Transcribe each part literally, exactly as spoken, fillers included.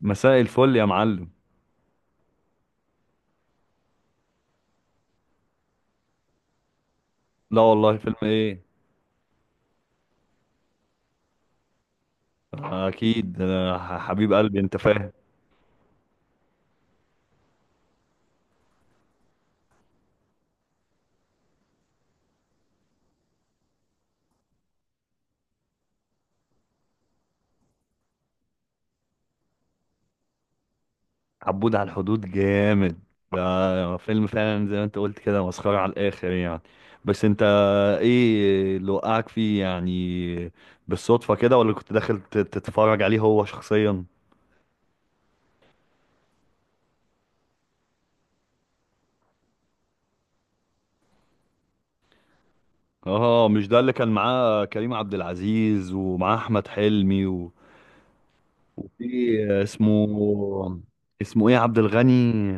مساء الفل يا معلم. لا والله، فيلم ايه؟ اكيد أنا حبيب قلبي، انت فاهم. عبود على الحدود جامد. ده فيلم فعلا زي ما انت قلت كده، مسخرة على الاخر يعني. بس انت ايه اللي وقعك فيه يعني؟ بالصدفة كده ولا كنت داخل تت- تتفرج عليه هو شخصيا؟ اه، مش ده اللي كان معاه كريم عبد العزيز ومعاه احمد حلمي و- وفي اسمه اسمه ايه، عبد الغني؟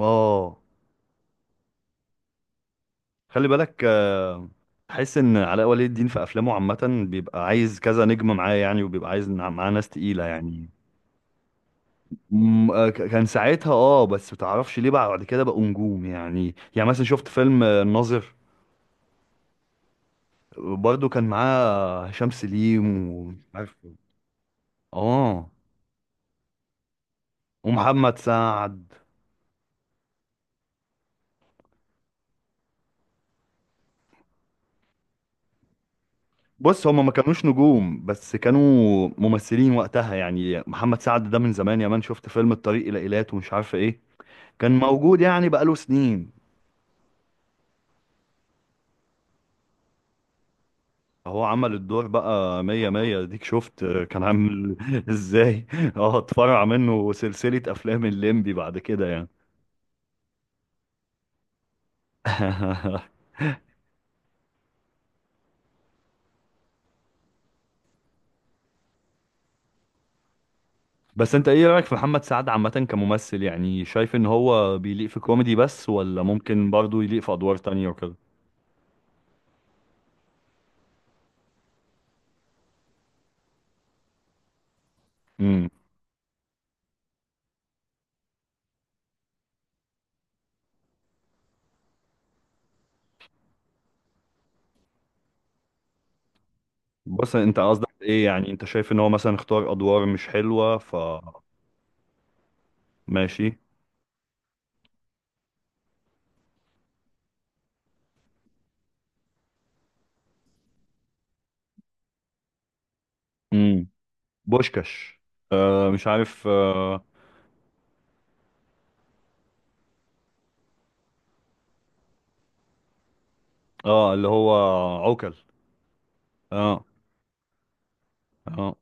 اه. خلي بالك. آه، تحس ان علاء ولي الدين في افلامه عامه بيبقى عايز كذا نجمه معاه يعني، وبيبقى عايز نع- معاه ناس تقيله يعني. م- آه، ك- كان ساعتها، اه، بس متعرفش ليه بقى بعد كده بقوا نجوم يعني يعني مثلا شفت فيلم آه، الناظر. برضه كان معاه آه، هشام سليم و، عارفه، اه، ومحمد سعد. بص، هما ما كانوش نجوم بس كانوا ممثلين وقتها يعني. محمد سعد ده من زمان يا مان، شفت فيلم الطريق الى ايلات ومش عارف ايه. كان موجود يعني بقاله سنين. هو عمل الدور بقى مية مية. ديك شفت آه، كان عامل ازاي. اه، اتفرع منه سلسلة افلام الليمبي بعد كده يعني. بس انت ايه رأيك في محمد سعد عامة كممثل؟ يعني شايف ان هو بيليق في كوميدي بس ولا ممكن برضه يليق في ادوار تانية وكده؟ امم. بص، انت قصدك ايه يعني؟ انت شايف ان هو مثلا اختار ادوار مش حلوة ف... ماشي. امم. بوشكاش. آه، مش عارف. اه, آه، اللي هو عوكل. اه اه،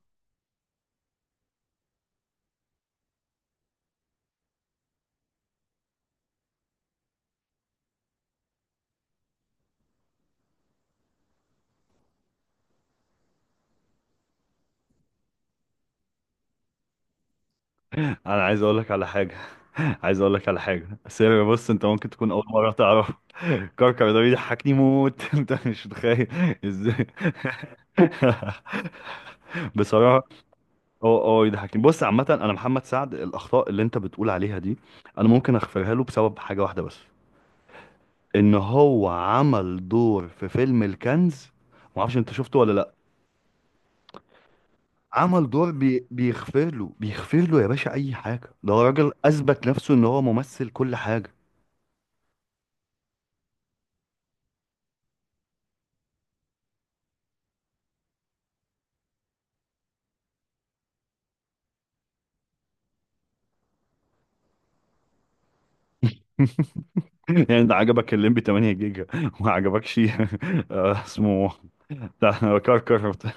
انا عايز اقول لك على حاجه. عايز اقول لك على حاجه، بس هي- بص، انت ممكن تكون اول مره تعرف. كركر ده بيضحكني موت. انت مش متخيل ازاي. بصراحه، هو هو يضحكني. بص، عامه انا محمد سعد، الاخطاء اللي انت بتقول عليها دي انا ممكن اغفرها له بسبب حاجه واحده بس. ان هو عمل دور في فيلم الكنز. ما اعرفش انت شفته ولا لا. عمل دور بي... بيغفر له، بيغفر له يا باشا اي حاجه. ده راجل اثبت نفسه ان هو ممثل كل حاجه. يعني ده عجبك الليمبي 8 جيجا وما عجبكش؟ آه، اسمه، بتاع كركر بتاع.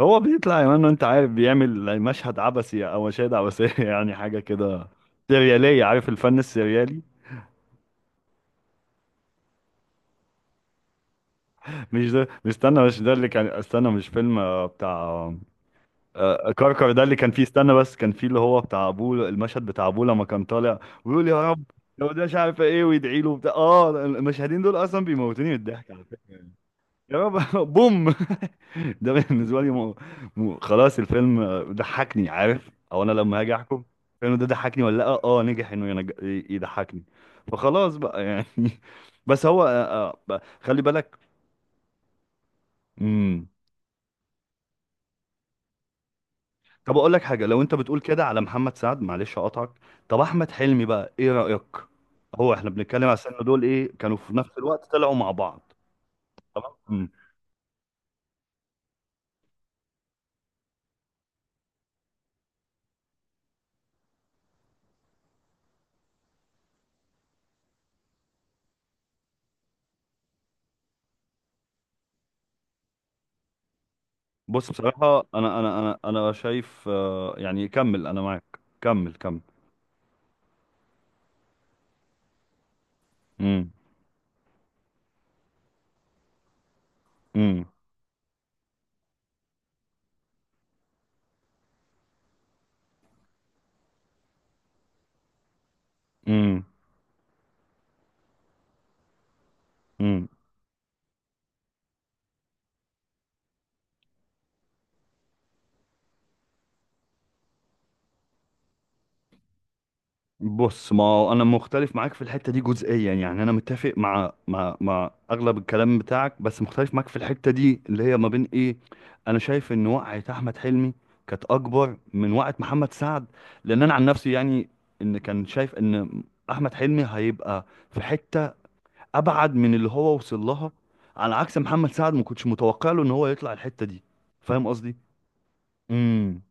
هو بيطلع يا مان، انت عارف، بيعمل مشهد عبثي او مشاهد عبثيه يعني حاجه كده سرياليه، عارف الفن السريالي. مش ده، مش استنى، مش ده اللي كان استنى، مش فيلم آه، بتاع. آه، آه، كركر ده اللي كان فيه، استنى، بس كان فيه اللي هو بتاع ابوه، المشهد بتاع ابوه لما كان طالع ويقول يا رب لو ده مش عارف ايه ويدعي له بتاع. اه، المشهدين دول اصلا بيموتوني من الضحك على فكره. يا رب. بوم. ده بالنسبه لي م... م... خلاص، الفيلم ضحكني، عارف؟ او انا لما هاجي احكم الفيلم ده ضحكني ولا لا؟ اه، نجح انه ينج... يضحكني، فخلاص بقى يعني. بس هو، آه، آه، خلي بالك. امم. طب اقول لك حاجه، لو انت بتقول كده على محمد سعد، معلش اقطعك. طب احمد حلمي بقى ايه رايك؟ هو احنا بنتكلم على السنه دول، ايه كانوا في نفس الوقت طلعوا مع بعض. تمام. بص، بصراحة أنا أنا أنا أنا شايف، آه، يعني، كمل، أنا معاك، كمل كمل. امم امم امم امم. بص، ما هو أنا مختلف معاك في الحتة دي جزئيا يعني. أنا متفق مع مع مع أغلب الكلام بتاعك، بس مختلف معاك في الحتة دي اللي هي ما بين إيه. أنا شايف إن وقعة أحمد حلمي كانت أكبر من وقعة محمد سعد. لأن أنا عن نفسي يعني، إن كان شايف إن أحمد حلمي هيبقى في حتة ابعد من اللي هو وصل لها، على عكس محمد سعد، ما كنتش متوقع له ان هو يطلع الحته دي. فاهم قصدي؟ امم.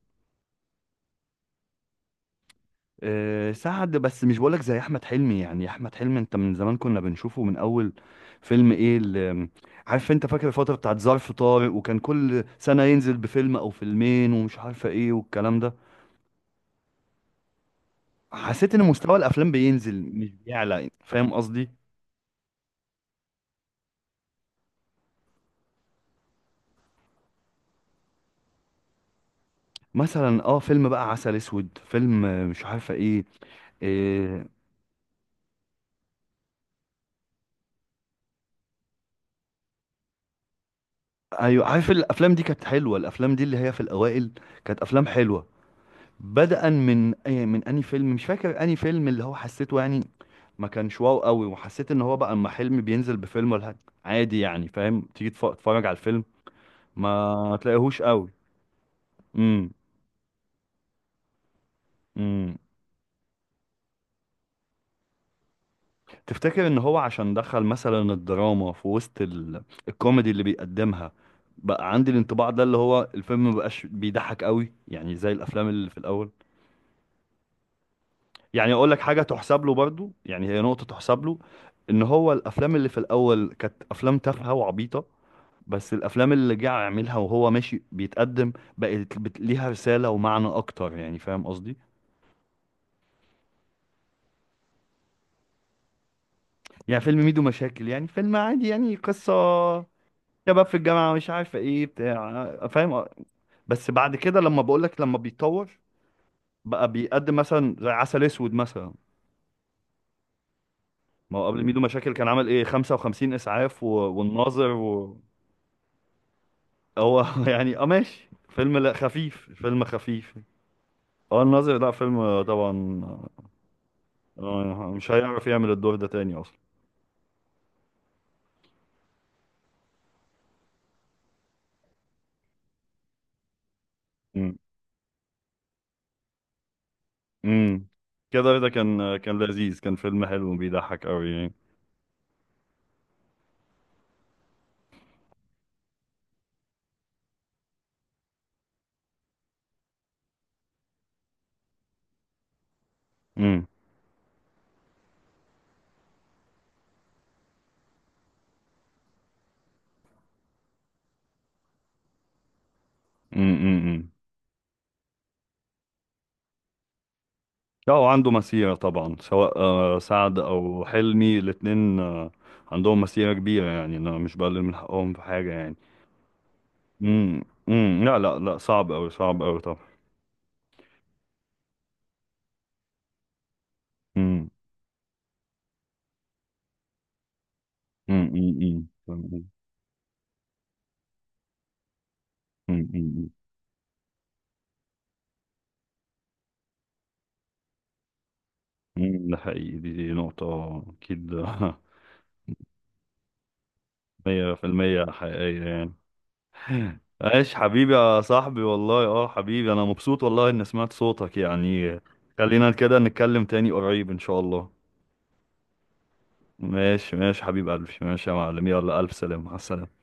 أه، سعد، بس مش بقولك زي احمد حلمي يعني. احمد حلمي انت من زمان كنا بنشوفه من اول فيلم. ايه اللي، عارف، انت فاكر الفتره بتاعت ظرف طارق؟ وكان كل سنه ينزل بفيلم او فيلمين ومش عارفه ايه والكلام ده. حسيت ان مستوى الافلام بينزل مش بيعلى. فاهم قصدي؟ مثلا، اه، فيلم بقى عسل اسود، فيلم، آه، مش عارفه ايه. آه، ايوه، عارف الافلام دي كانت حلوه. الافلام دي اللي هي في الاوائل كانت افلام حلوه. بدءا من أي- من اني فيلم، مش فاكر اني فيلم اللي هو حسيته يعني ما كانش واو قوي، وحسيت ان هو بقى اما حلمي بينزل بفيلم ولا حاجة عادي يعني. فاهم؟ تيجي تف- تتفرج على الفيلم ما تلاقيهوش قوي. امم امم. تفتكر ان هو عشان دخل مثلا الدراما في وسط ال... الكوميدي اللي بيقدمها، بقى عندي الانطباع ده اللي هو الفيلم مبقاش بيضحك قوي يعني زي الافلام اللي في الاول؟ يعني، اقول لك حاجه تحسب له برضو، يعني هي نقطه تحسب له، ان هو الافلام اللي في الاول كانت افلام تافهه وعبيطه، بس الافلام اللي جه يعملها وهو ماشي بيتقدم بقت بت- ليها رساله ومعنى اكتر يعني. فاهم قصدي؟ يعني فيلم ميدو مشاكل يعني فيلم عادي، يعني قصه شباب في الجامعه مش عارفه ايه بتاع، فاهم. بس بعد كده، لما بقول لك، لما بيتطور، بقى بيقدم مثلا زي عسل اسود مثلا. ما هو قبل ميدو مشاكل كان عمل ايه، 55 اسعاف و... والناظر. هو يعني، اه، ماشي، فيلم، لا، خفيف، فيلم خفيف. اه، الناظر، لا، فيلم آه، طبعا. آه، آه، مش هيعرف يعمل الدور ده تاني اصلا. امم امم. كده رضا كان، آه، كان لذيذ، كان فيلم حلو وبيضحك قوي يعني. امم امم امم. لا، وعنده مسيرة طبعا، سواء آه، سعد او حلمي، الاتنين آه، عندهم مسيرة كبيرة يعني. انا مش بقلل من حقهم في حاجة يعني. امم امم. لا لا لا، صعب قوي، صعب قوي طبعا. امم امم امم. مم، ده حقيقي، دي, دي نقطة أكيد. مية في المية حقيقية يعني. عايش حبيبي يا صاحبي والله. اه، حبيبي، أنا مبسوط والله إني سمعت صوتك يعني. خلينا كده نتكلم تاني قريب إن شاء الله. ماشي ماشي حبيب قلبي، ماشي يا معلم، يلا، ألف سلامة على السلامة.